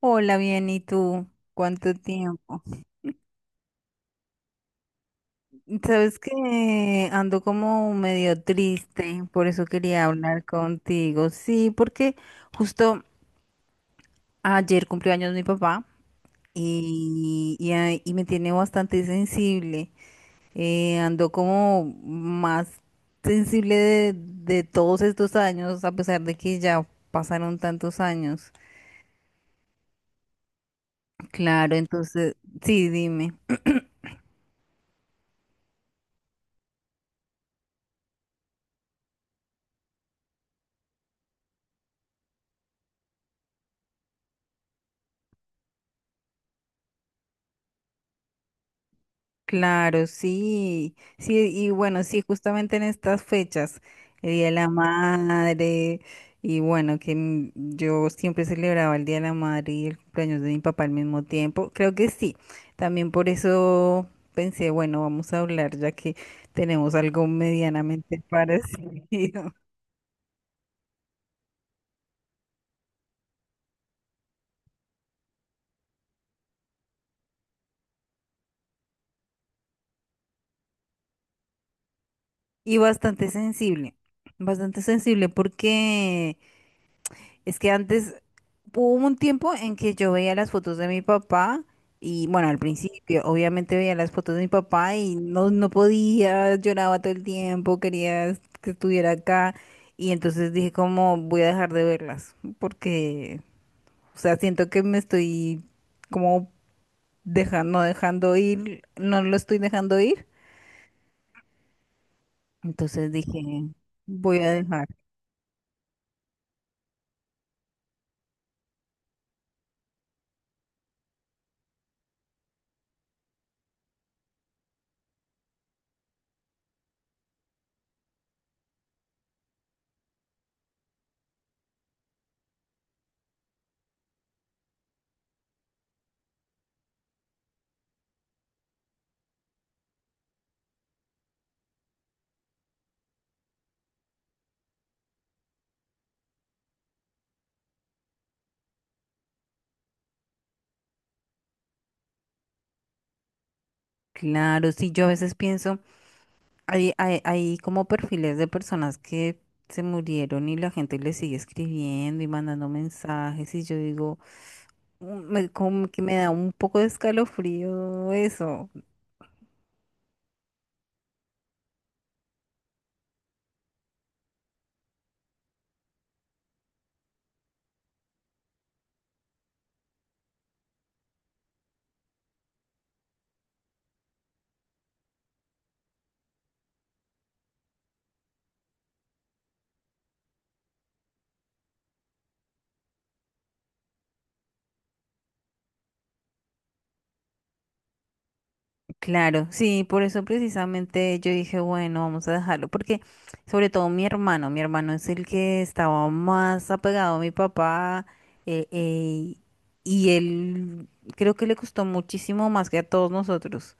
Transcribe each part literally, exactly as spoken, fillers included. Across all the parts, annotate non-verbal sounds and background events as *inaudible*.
Hola, bien, ¿y tú? ¿Cuánto tiempo? Sabes que ando como medio triste, por eso quería hablar contigo. Sí, porque justo ayer cumplió años mi papá y, y, a- y me tiene bastante sensible. Eh, ando como más sensible de, de todos estos años, a pesar de que ya pasaron tantos años. Claro, entonces, sí, dime. Claro, sí, sí, y bueno, sí, justamente en estas fechas, el Día de la Madre, y bueno, que mm, yo siempre celebraba el Día de la Madre y el cumpleaños de mi papá al mismo tiempo, creo que sí, también por eso pensé, bueno, vamos a hablar ya que tenemos algo medianamente parecido. *laughs* Y bastante sensible, bastante sensible porque es que antes hubo un tiempo en que yo veía las fotos de mi papá y bueno, al principio obviamente veía las fotos de mi papá y no, no podía, lloraba todo el tiempo, quería que estuviera acá, y entonces dije, como, voy a dejar de verlas porque, o sea, siento que me estoy como dejando, no dejando ir, no lo estoy dejando ir. Entonces dije, voy a dejar. Claro, sí, yo a veces pienso. Hay, hay, hay como perfiles de personas que se murieron y la gente les sigue escribiendo y mandando mensajes y yo digo, "Mm, me, como que me da un poco de escalofrío eso". Claro, sí, por eso precisamente yo dije, bueno, vamos a dejarlo, porque sobre todo mi hermano, mi hermano es el que estaba más apegado a mi papá, eh, eh, y él creo que le costó muchísimo más que a todos nosotros,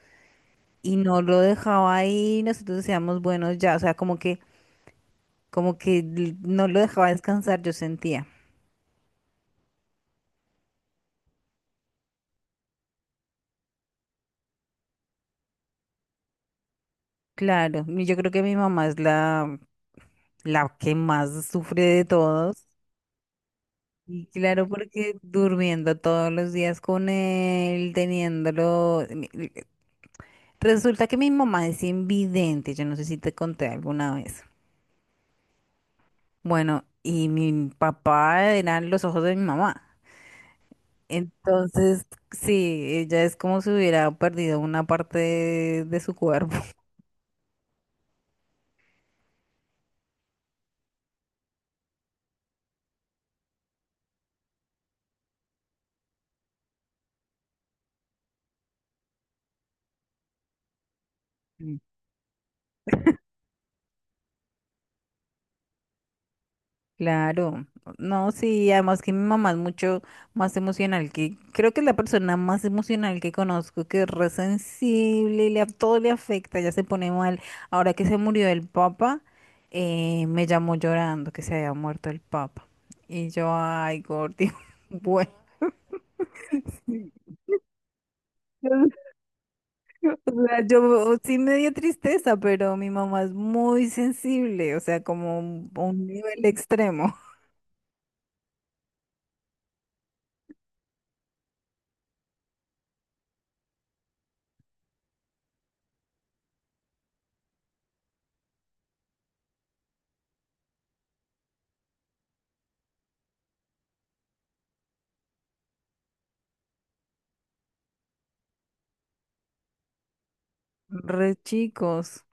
y no lo dejaba ahí. Nosotros decíamos, buenos, ya, o sea, como que, como que l- no lo dejaba descansar, yo sentía. Claro, y yo creo que mi mamá es la, la que más sufre de todos. Y claro, porque durmiendo todos los días con él, teniéndolo. mi- mi- Resulta que mi mamá es invidente, yo no sé si te conté alguna vez. Bueno, y mi papá eran los ojos de mi mamá. Entonces, sí, ella es como si hubiera perdido una parte de, de su cuerpo. *laughs* Mm. Claro, no, sí, además que mi mamá es mucho más emocional que, creo que es la persona más emocional que conozco, que es re sensible, y le, a- todo le afecta, ya se pone mal. Ahora que se murió el papa, eh, me llamó llorando que se había muerto el papa. Y yo, ay, Gordy, *laughs* bueno. O sea, yo sí me dio tristeza, pero mi mamá es muy sensible, o sea, como un a un nivel extremo. *laughs* Re chicos.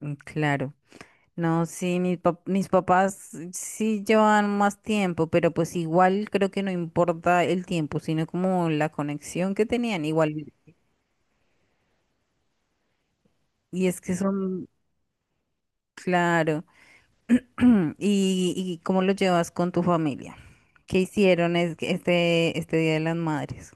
Mm, claro. No, sí, mis, pap- mis papás sí llevan más tiempo, pero pues igual creo que no importa el tiempo, sino como la conexión que tenían, igual. Y es que son, claro. *clears throat* ¿Y, y cómo lo llevas con tu familia? ¿Qué hicieron es- este, este Día de las Madres?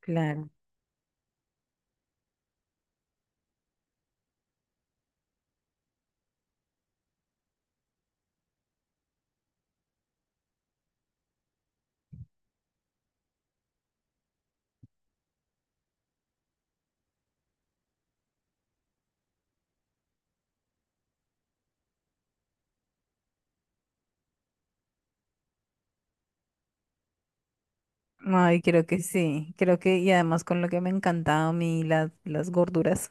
Claro. Ay, creo que sí, creo que y además con lo que me encantaba a mí las, las gorduras.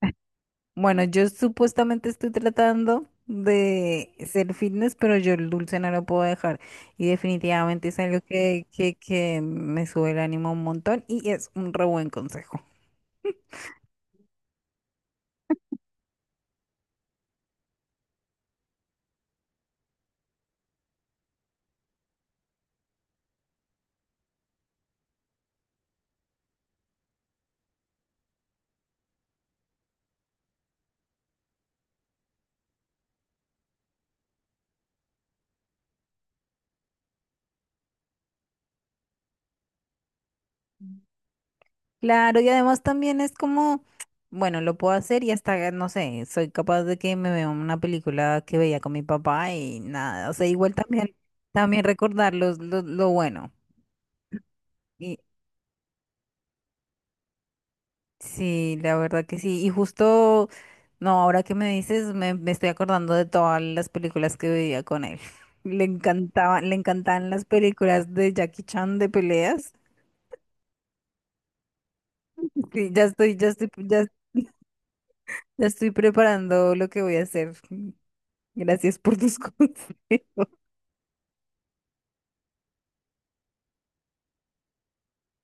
*laughs* Bueno, yo supuestamente estoy tratando de ser fitness, pero yo el dulce no lo puedo dejar y definitivamente es algo que, que, que me sube el ánimo un montón y es un re buen consejo. Claro, y además también es como, bueno, lo puedo hacer y hasta, no sé, soy capaz de que me vea una película que veía con mi papá y nada, o sea, igual también, también recordar los- lo, lo bueno. Sí, la verdad que sí. Y justo, no, ahora que me dices, me, me estoy acordando de todas las películas que veía con él. *laughs* Le encantaban, le encantaban las películas de Jackie Chan de peleas. Sí, ya estoy, ya estoy, ya, ya estoy preparando lo que voy a hacer. Gracias por tus *laughs* consejos.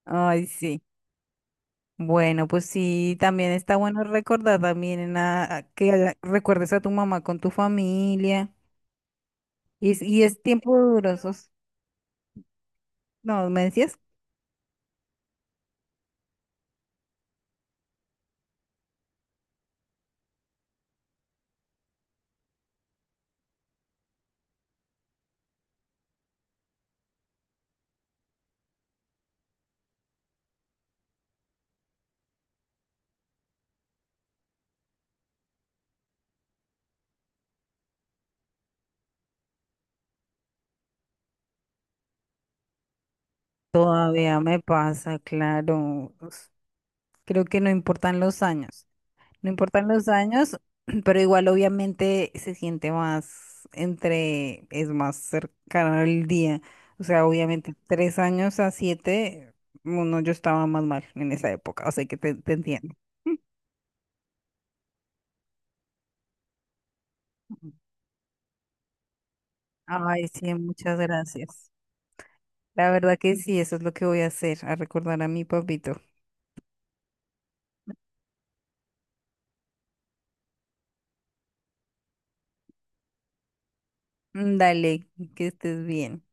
Ay, sí. Bueno, pues sí, también está bueno recordar también a, a que haga- recuerdes a tu mamá con tu familia. Y, es- y es tiempo durosos. No, ¿me decías? Todavía me pasa, claro. Us- Creo que no importan los años. No importan los años, *clears throat* pero igual obviamente se siente más entre, es más cercano el día. O sea, obviamente tres años a siete, uno yo estaba más mal en esa época, o sea que te, te entiendo. Ay, sí, muchas gracias. La verdad que sí, eso es lo que voy a hacer, a recordar a mi papito. Mm, dale, que estés bien.